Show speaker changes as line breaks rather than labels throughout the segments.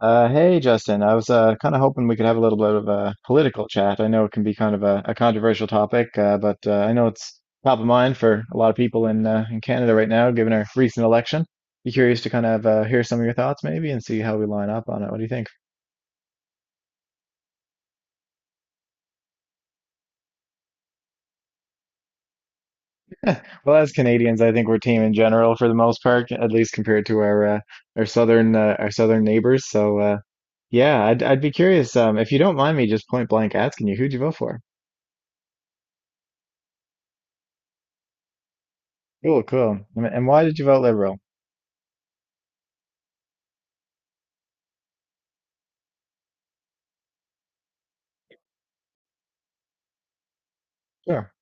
Hey, Justin. I was kind of hoping we could have a little bit of a political chat. I know it can be kind of a controversial topic, but I know it's top of mind for a lot of people in Canada right now, given our recent election. Be curious to kind of hear some of your thoughts, maybe, and see how we line up on it. What do you think? Well, as Canadians, I think we're team in general for the most part, at least compared to our southern neighbors. Yeah, I'd be curious if you don't mind me just point blank asking you, who'd you vote for? Cool, cool. And why did you vote Liberal? Sure.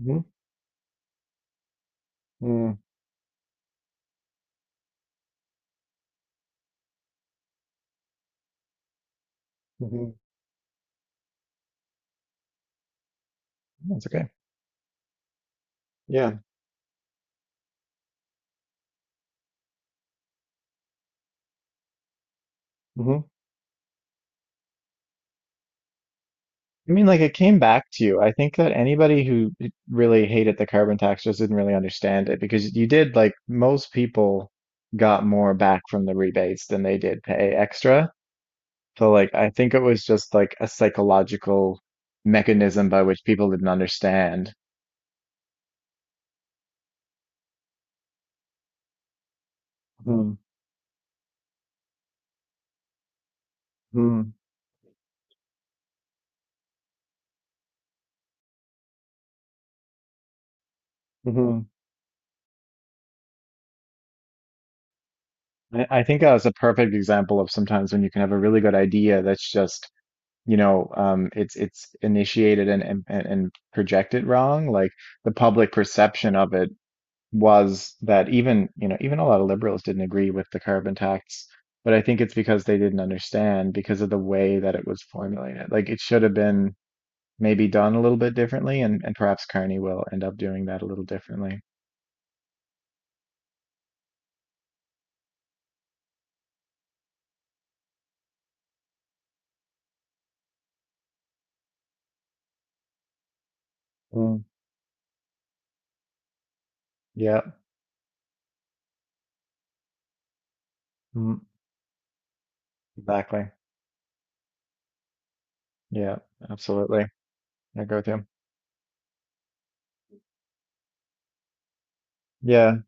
Mm-hmm. Hmm. That's okay. Yeah. Hmm. I mean, like it came back to you. I think that anybody who really hated the carbon tax just didn't really understand it because you did, like most people got more back from the rebates than they did pay extra. So like I think it was just like a psychological mechanism by which people didn't understand. Mm-hmm. Hmm. I think that was a perfect example of sometimes when you can have a really good idea that's just it's initiated and projected wrong. Like the public perception of it was that, even you know, even a lot of liberals didn't agree with the carbon tax, but I think it's because they didn't understand because of the way that it was formulated. Like it should have been maybe done a little bit differently, and perhaps Carney will end up doing that a little differently. Mm, yeah, mm, exactly. Yeah, absolutely. I agree with you. Yeah,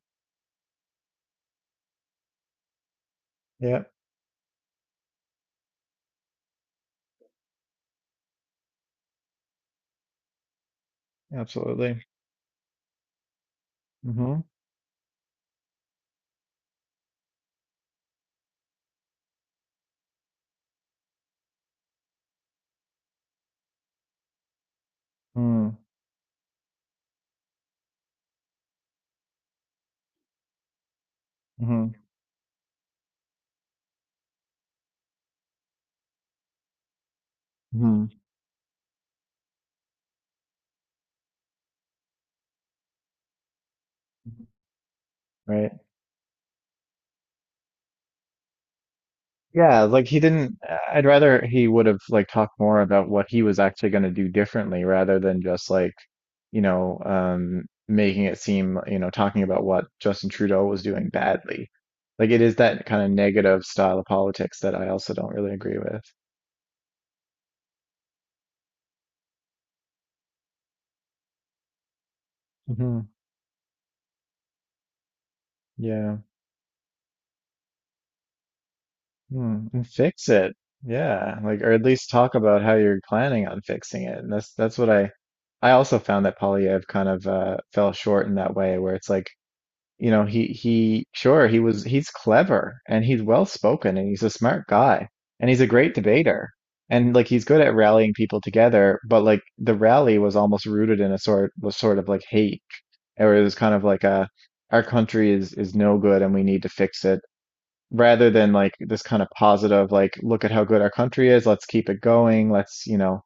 yeah, absolutely. Mm-hmm. Mm-hmm. Mm-hmm. Right. Yeah, like he didn't, I'd rather he would have like talked more about what he was actually going to do differently rather than just like, making it seem, talking about what Justin Trudeau was doing badly. Like it is that kind of negative style of politics that I also don't really agree with. Hmm. Yeah. Hmm. And fix it. Yeah. Like, or at least talk about how you're planning on fixing it. And that's what I also found that Polyev kind of fell short in that way, where it's like, you know he sure he was, he's clever and he's well spoken and he's a smart guy and he's a great debater, and like he's good at rallying people together, but like the rally was almost rooted in a sort, was sort of like hate, or it was kind of like a, our country is no good and we need to fix it, rather than like this kind of positive, like look at how good our country is, let's keep it going, let's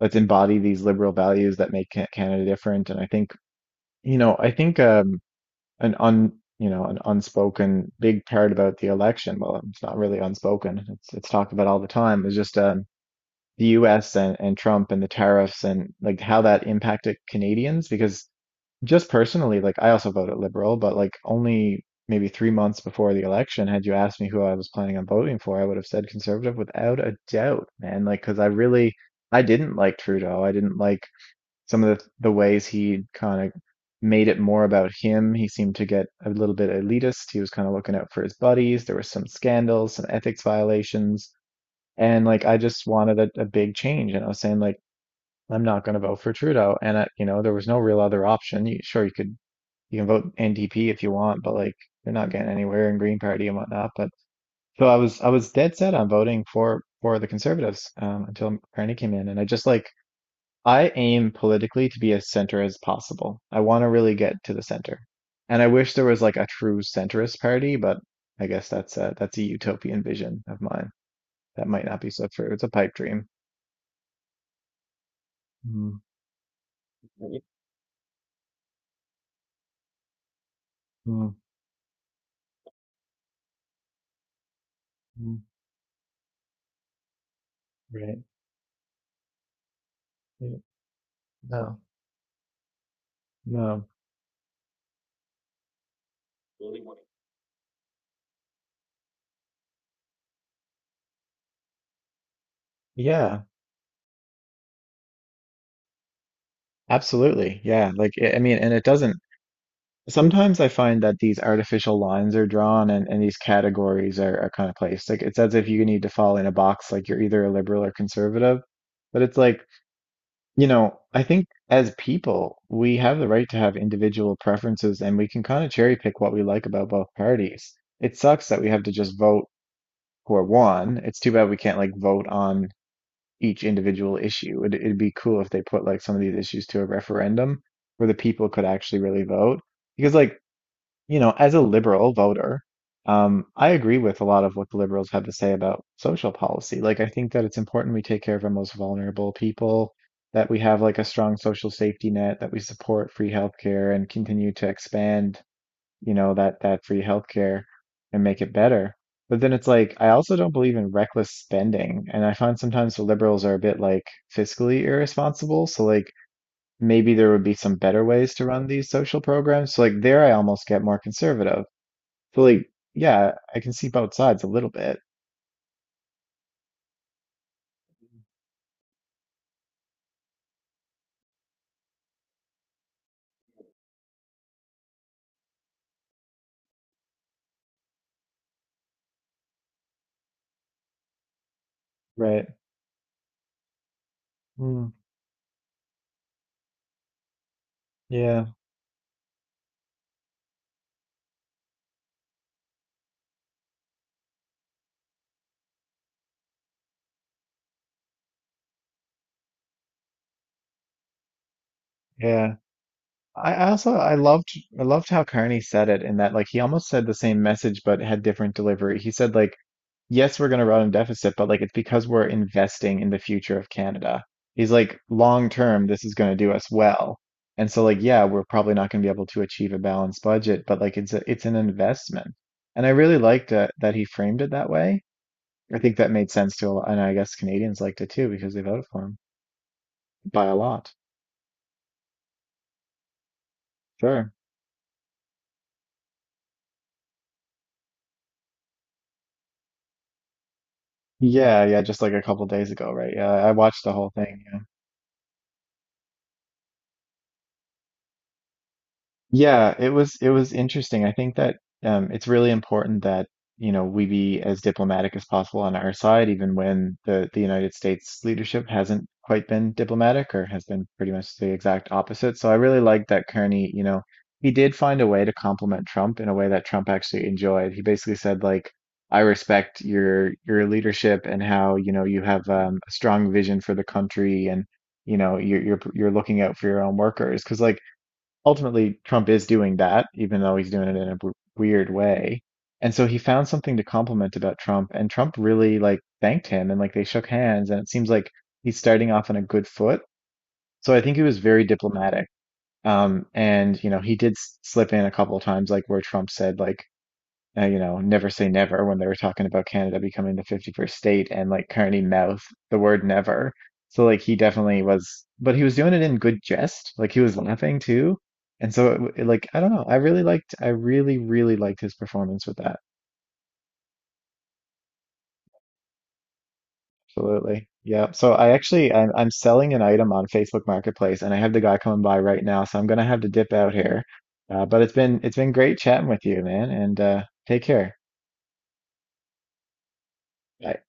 let's embody these liberal values that make Canada different. And I think I think an un you know an unspoken big part about the election. Well, it's not really unspoken. It's talked about all the time. It's just the U.S. and Trump and the tariffs and like how that impacted Canadians. Because just personally, like I also voted Liberal, but like only maybe 3 months before the election, had you asked me who I was planning on voting for, I would have said Conservative without a doubt, man. Like because I really, I didn't like Trudeau. I didn't like some of the ways he kind of made it more about him. He seemed to get a little bit elitist. He was kind of looking out for his buddies. There were some scandals, some ethics violations. And like, I just wanted a big change. And I was saying, like, I'm not going to vote for Trudeau. And I, you know, there was no real other option. You, sure, you could, you can vote NDP if you want, but like, you're not getting anywhere in Green Party and whatnot. But so I was dead set on voting for the Conservatives until Carney came in. And I just like, I aim politically to be as center as possible. I want to really get to the center. And I wish there was like a true centrist party, but I guess that's that's a utopian vision of mine. That might not be so true. It's a pipe dream. Mm. Right. Mm, mm, right. Yeah, no, no. Really wanting. Yeah, absolutely. Yeah. Like, I mean, and it doesn't. Sometimes I find that these artificial lines are drawn, and these categories are kind of placed. Like it's as if you need to fall in a box, like you're either a liberal or conservative. But it's like, you know, I think as people, we have the right to have individual preferences and we can kind of cherry pick what we like about both parties. It sucks that we have to just vote for one. It's too bad we can't like vote on each individual issue. It'd be cool if they put like some of these issues to a referendum where the people could actually really vote. Because like you know, as a liberal voter, I agree with a lot of what the liberals have to say about social policy. Like, I think that it's important we take care of our most vulnerable people, that we have like a strong social safety net, that we support free healthcare and continue to expand, you know, that free healthcare and make it better. But then it's like I also don't believe in reckless spending, and I find sometimes the liberals are a bit like fiscally irresponsible. So like maybe there would be some better ways to run these social programs. So like there I almost get more conservative. So like, yeah, I can see both sides a little bit, right? Mm, yeah, yeah. I also I loved, I loved how Carney said it, in that like he almost said the same message but had different delivery. He said like, yes, we're going to run a deficit, but like it's because we're investing in the future of Canada. He's like, long term, this is going to do us well. And so like, yeah, we're probably not going to be able to achieve a balanced budget, but like it's an investment. And I really liked that he framed it that way. I think that made sense to a lot, and I guess Canadians liked it too because they voted for him by a lot. Sure. Yeah, yeah, just like a couple days ago, right? Yeah, I watched the whole thing. Yeah. Yeah, it was interesting. I think that it's really important that you know we be as diplomatic as possible on our side, even when the United States leadership hasn't quite been diplomatic or has been pretty much the exact opposite. So I really like that Kearney, you know, he did find a way to compliment Trump in a way that Trump actually enjoyed. He basically said like, "I respect your leadership and how you know you have a strong vision for the country, and you know you're looking out for your own workers." Because like ultimately Trump is doing that, even though he's doing it in a w weird way. And so he found something to compliment about Trump, and Trump really like thanked him and like they shook hands, and it seems like he's starting off on a good foot. So I think he was very diplomatic. And you know, he did slip in a couple of times, like where Trump said, like, you know, never say never, when they were talking about Canada becoming the 51st state, and like Carney mouth the word never. So like he definitely was, but he was doing it in good jest. Like he was laughing too. And so like I don't know, I really liked, I really liked his performance with that. Absolutely. Yeah. So I actually I'm selling an item on Facebook Marketplace and I have the guy coming by right now, so I'm gonna have to dip out here. But it's been great chatting with you, man, and take care. Bye.